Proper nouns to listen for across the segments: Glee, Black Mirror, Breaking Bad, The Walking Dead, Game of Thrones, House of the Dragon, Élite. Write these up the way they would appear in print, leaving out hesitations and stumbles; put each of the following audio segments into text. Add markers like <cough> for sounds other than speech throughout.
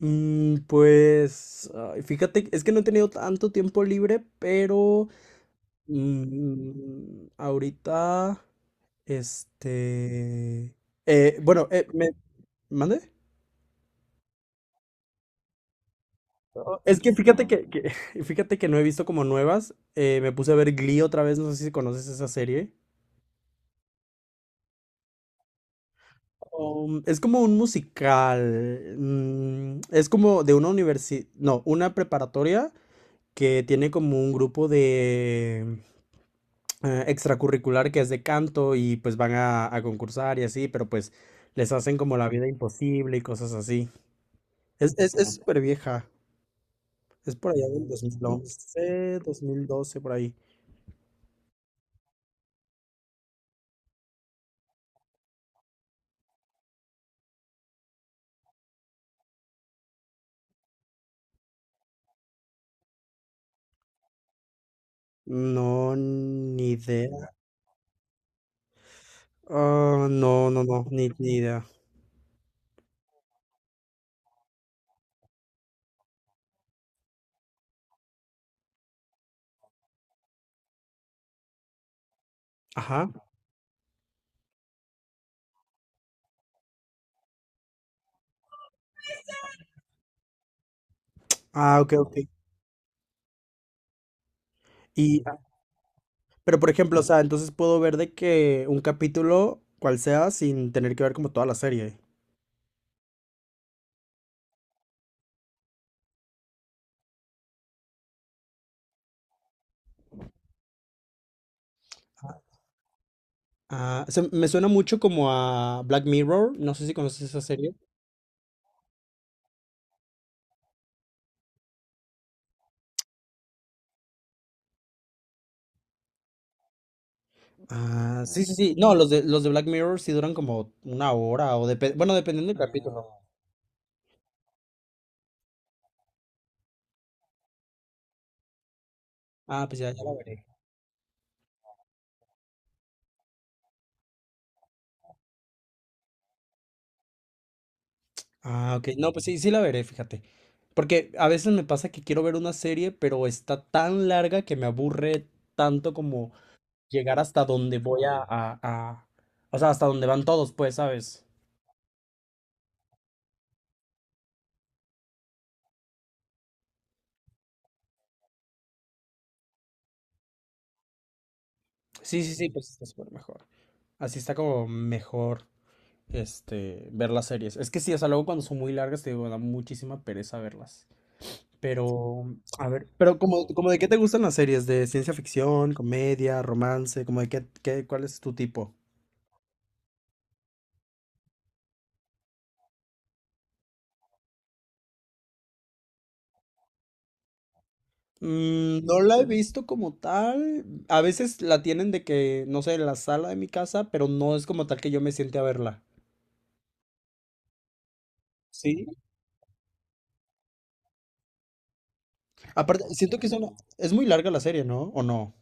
Pues, ay, fíjate, es que no he tenido tanto tiempo libre, pero mm, ahorita, este, bueno, me, ¿mande? Oh, Es que fíjate <laughs> fíjate que no he visto como nuevas. Me puse a ver Glee otra vez, no sé si conoces esa serie. Es como un musical. Es como de una universidad, no, una preparatoria que tiene como un grupo extracurricular que es de canto y pues van a concursar y así, pero pues les hacen como la vida imposible y cosas así. Es súper vieja, es por allá del 2011 2012 por ahí. No, ni idea. Ah, no, no, no, ni idea. Ajá. Ah, ok, ok. Y, ah, pero por ejemplo, o sea, entonces puedo ver de que un capítulo, cual sea, sin tener que ver como toda la serie. Me suena mucho como a Black Mirror, no sé si conoces esa serie. Ah, sí, sí, sí. No, los de Black Mirror sí duran como una hora o bueno, dependiendo del capítulo. Ah, pues ya, ya la veré. Ah, ok. No, pues sí, sí la veré, fíjate. Porque a veces me pasa que quiero ver una serie, pero está tan larga que me aburre tanto como llegar hasta donde voy o sea, hasta donde van todos, pues, ¿sabes? Sí, sí, sí, pues está súper mejor. Así está como mejor, ver las series. Es que sí, o sea, luego cuando son muy largas, te digo, me da muchísima pereza verlas. Pero, a ver, pero como de qué te gustan las series, de ciencia ficción, comedia, romance, como de cuál es tu tipo. Mm, no la he visto como tal. A veces la tienen de que, no sé, en la sala de mi casa, pero no es como tal que yo me siente a verla. Sí. Aparte, siento que es muy larga la serie, ¿no? ¿O no?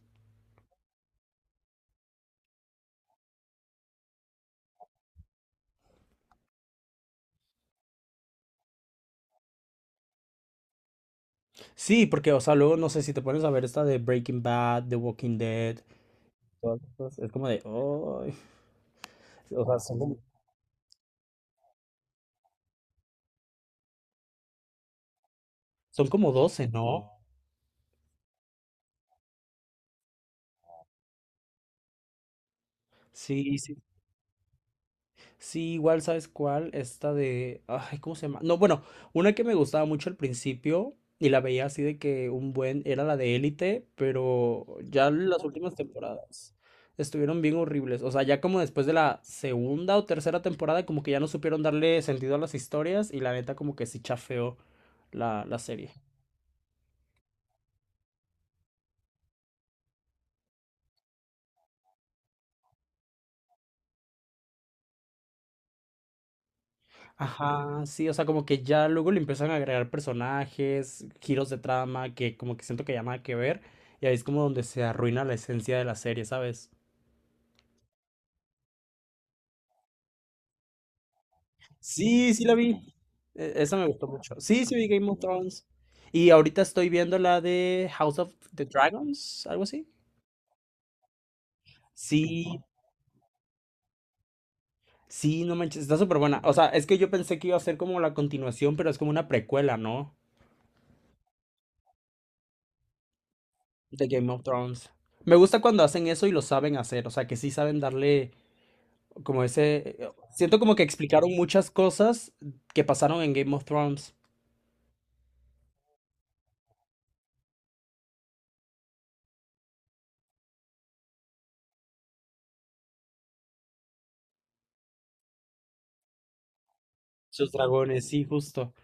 Sí, porque, o sea, luego no sé si te pones a ver esta de Breaking Bad, The Walking Dead, todas estas, es como de, "Ay". O sea, son como, Son como doce, ¿no? Sí, sí. Sí, igual, ¿sabes cuál? Esta de… Ay, ¿cómo se llama? No, bueno, una que me gustaba mucho al principio y la veía así de que un buen… Era la de Élite, pero ya las últimas temporadas estuvieron bien horribles. O sea, ya como después de la segunda o tercera temporada, como que ya no supieron darle sentido a las historias y la neta como que sí chafeó la serie. Ajá, sí, o sea, como que ya luego le empiezan a agregar personajes, giros de trama, que como que siento que ya nada que ver, y ahí es como donde se arruina la esencia de la serie, ¿sabes? Sí, sí la vi. Esa me gustó mucho. Sí, sí vi Game of Thrones. Y ahorita estoy viendo la de House of the Dragons, algo así. Sí, sí, no manches, está súper buena. O sea, es que yo pensé que iba a ser como la continuación, pero es como una precuela, ¿no? De Game of Thrones. Me gusta cuando hacen eso y lo saben hacer, o sea, que sí saben darle. Como ese… Siento como que explicaron muchas cosas que pasaron en Game of Thrones. Sus dragones, sí, justo.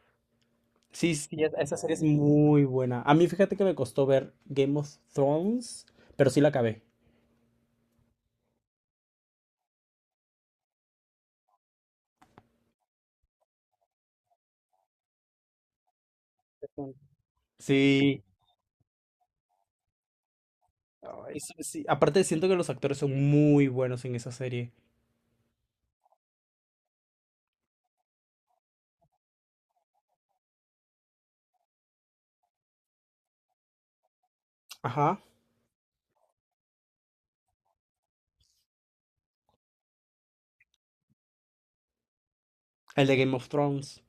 Sí, sí, esa serie es muy buena. A mí fíjate que me costó ver Game of Thrones, pero sí la acabé. Sí. Ay, sí, sí. Aparte siento que los actores son muy buenos en esa serie. Ajá. El de Game of Thrones.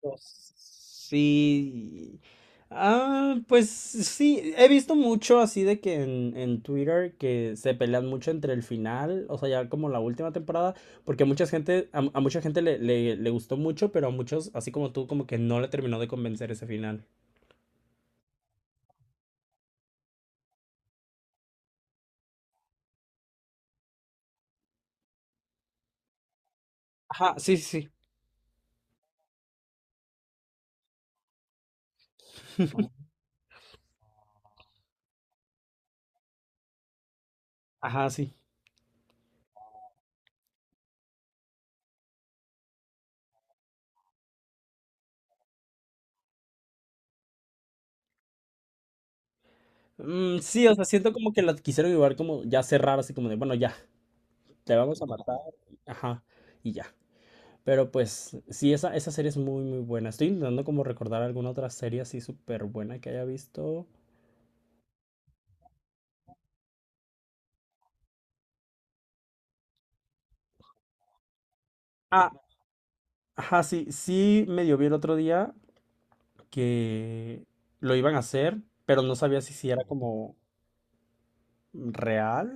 Pues, sí. Ah, pues sí, he visto mucho así de que en Twitter que se pelean mucho entre el final, o sea, ya como la última temporada, porque mucha gente, a mucha gente le gustó mucho, pero a muchos, así como tú, como que no le terminó de convencer ese final. Ajá, sí, sí, sí. Ajá, sí. Mm, sí, o sea, siento como que la quisieron llevar como ya cerrar, así como de, bueno, ya, te vamos a matar, ajá, y ya. Pero pues sí, esa serie es muy, muy buena. Estoy intentando como recordar alguna otra serie así súper buena que haya visto. Ah, ajá, sí, sí medio vi el otro día que lo iban a hacer, pero no sabía si era como real.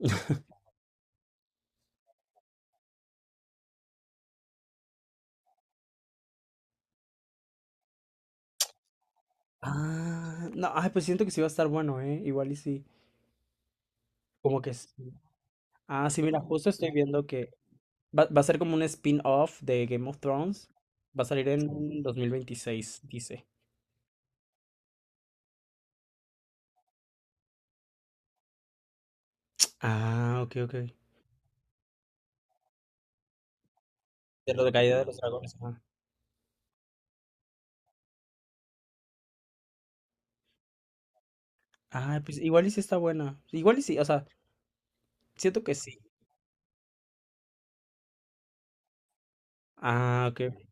<laughs> Ah, no, ay, pues siento que sí va a estar bueno, ¿eh? Igual y sí. Como que sí. Ah, sí, mira, justo estoy viendo que va a ser como un spin-off de Game of Thrones. Va a salir en 2026, dice. Ah, ok, ok. De lo de caída de los dragones. Ah, pues igual y sí está buena. Igual y sí, o sea, siento que sí. Ah, ok.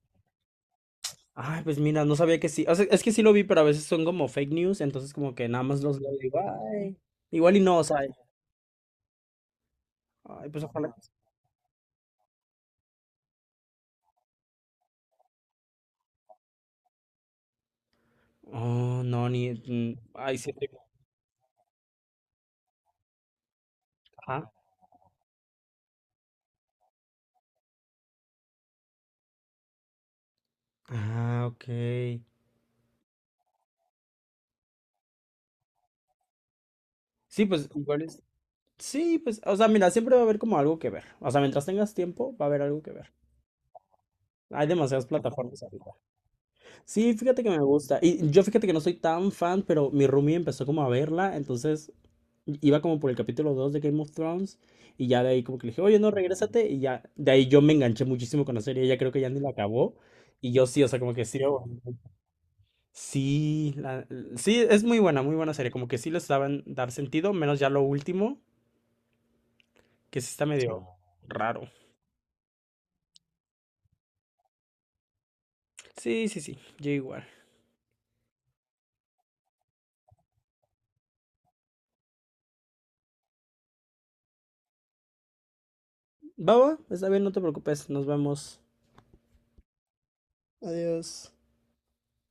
Ah, pues mira, no sabía que sí. O sea, es que sí lo vi, pero a veces son como fake news, entonces como que nada más los veo y digo, ay. Igual y no, o sea, ay, pues ojalá. Oh, no, ni. Ay, sí, estoy- Ajá. Ah, ok. Sí, pues igual es. Sí, pues, o sea, mira, siempre va a haber como algo que ver. O sea, mientras tengas tiempo, va a haber algo que ver. Hay demasiadas plataformas ahorita. Sí, fíjate que me gusta. Y yo fíjate que no soy tan fan, pero mi roomie empezó como a verla, entonces iba como por el capítulo 2 de Game of Thrones y ya de ahí como que le dije, oye, no, regrésate y ya de ahí yo me enganché muchísimo con la serie, ella creo que ya ni la acabó y yo sí, o sea, como que sí, o- sí, la- sí, es muy buena serie, como que sí les saben dar sentido, menos ya lo último, que sí está medio raro. Sí, sí, sí, yo igual. Baba, está bien, no te preocupes, nos vemos. Adiós.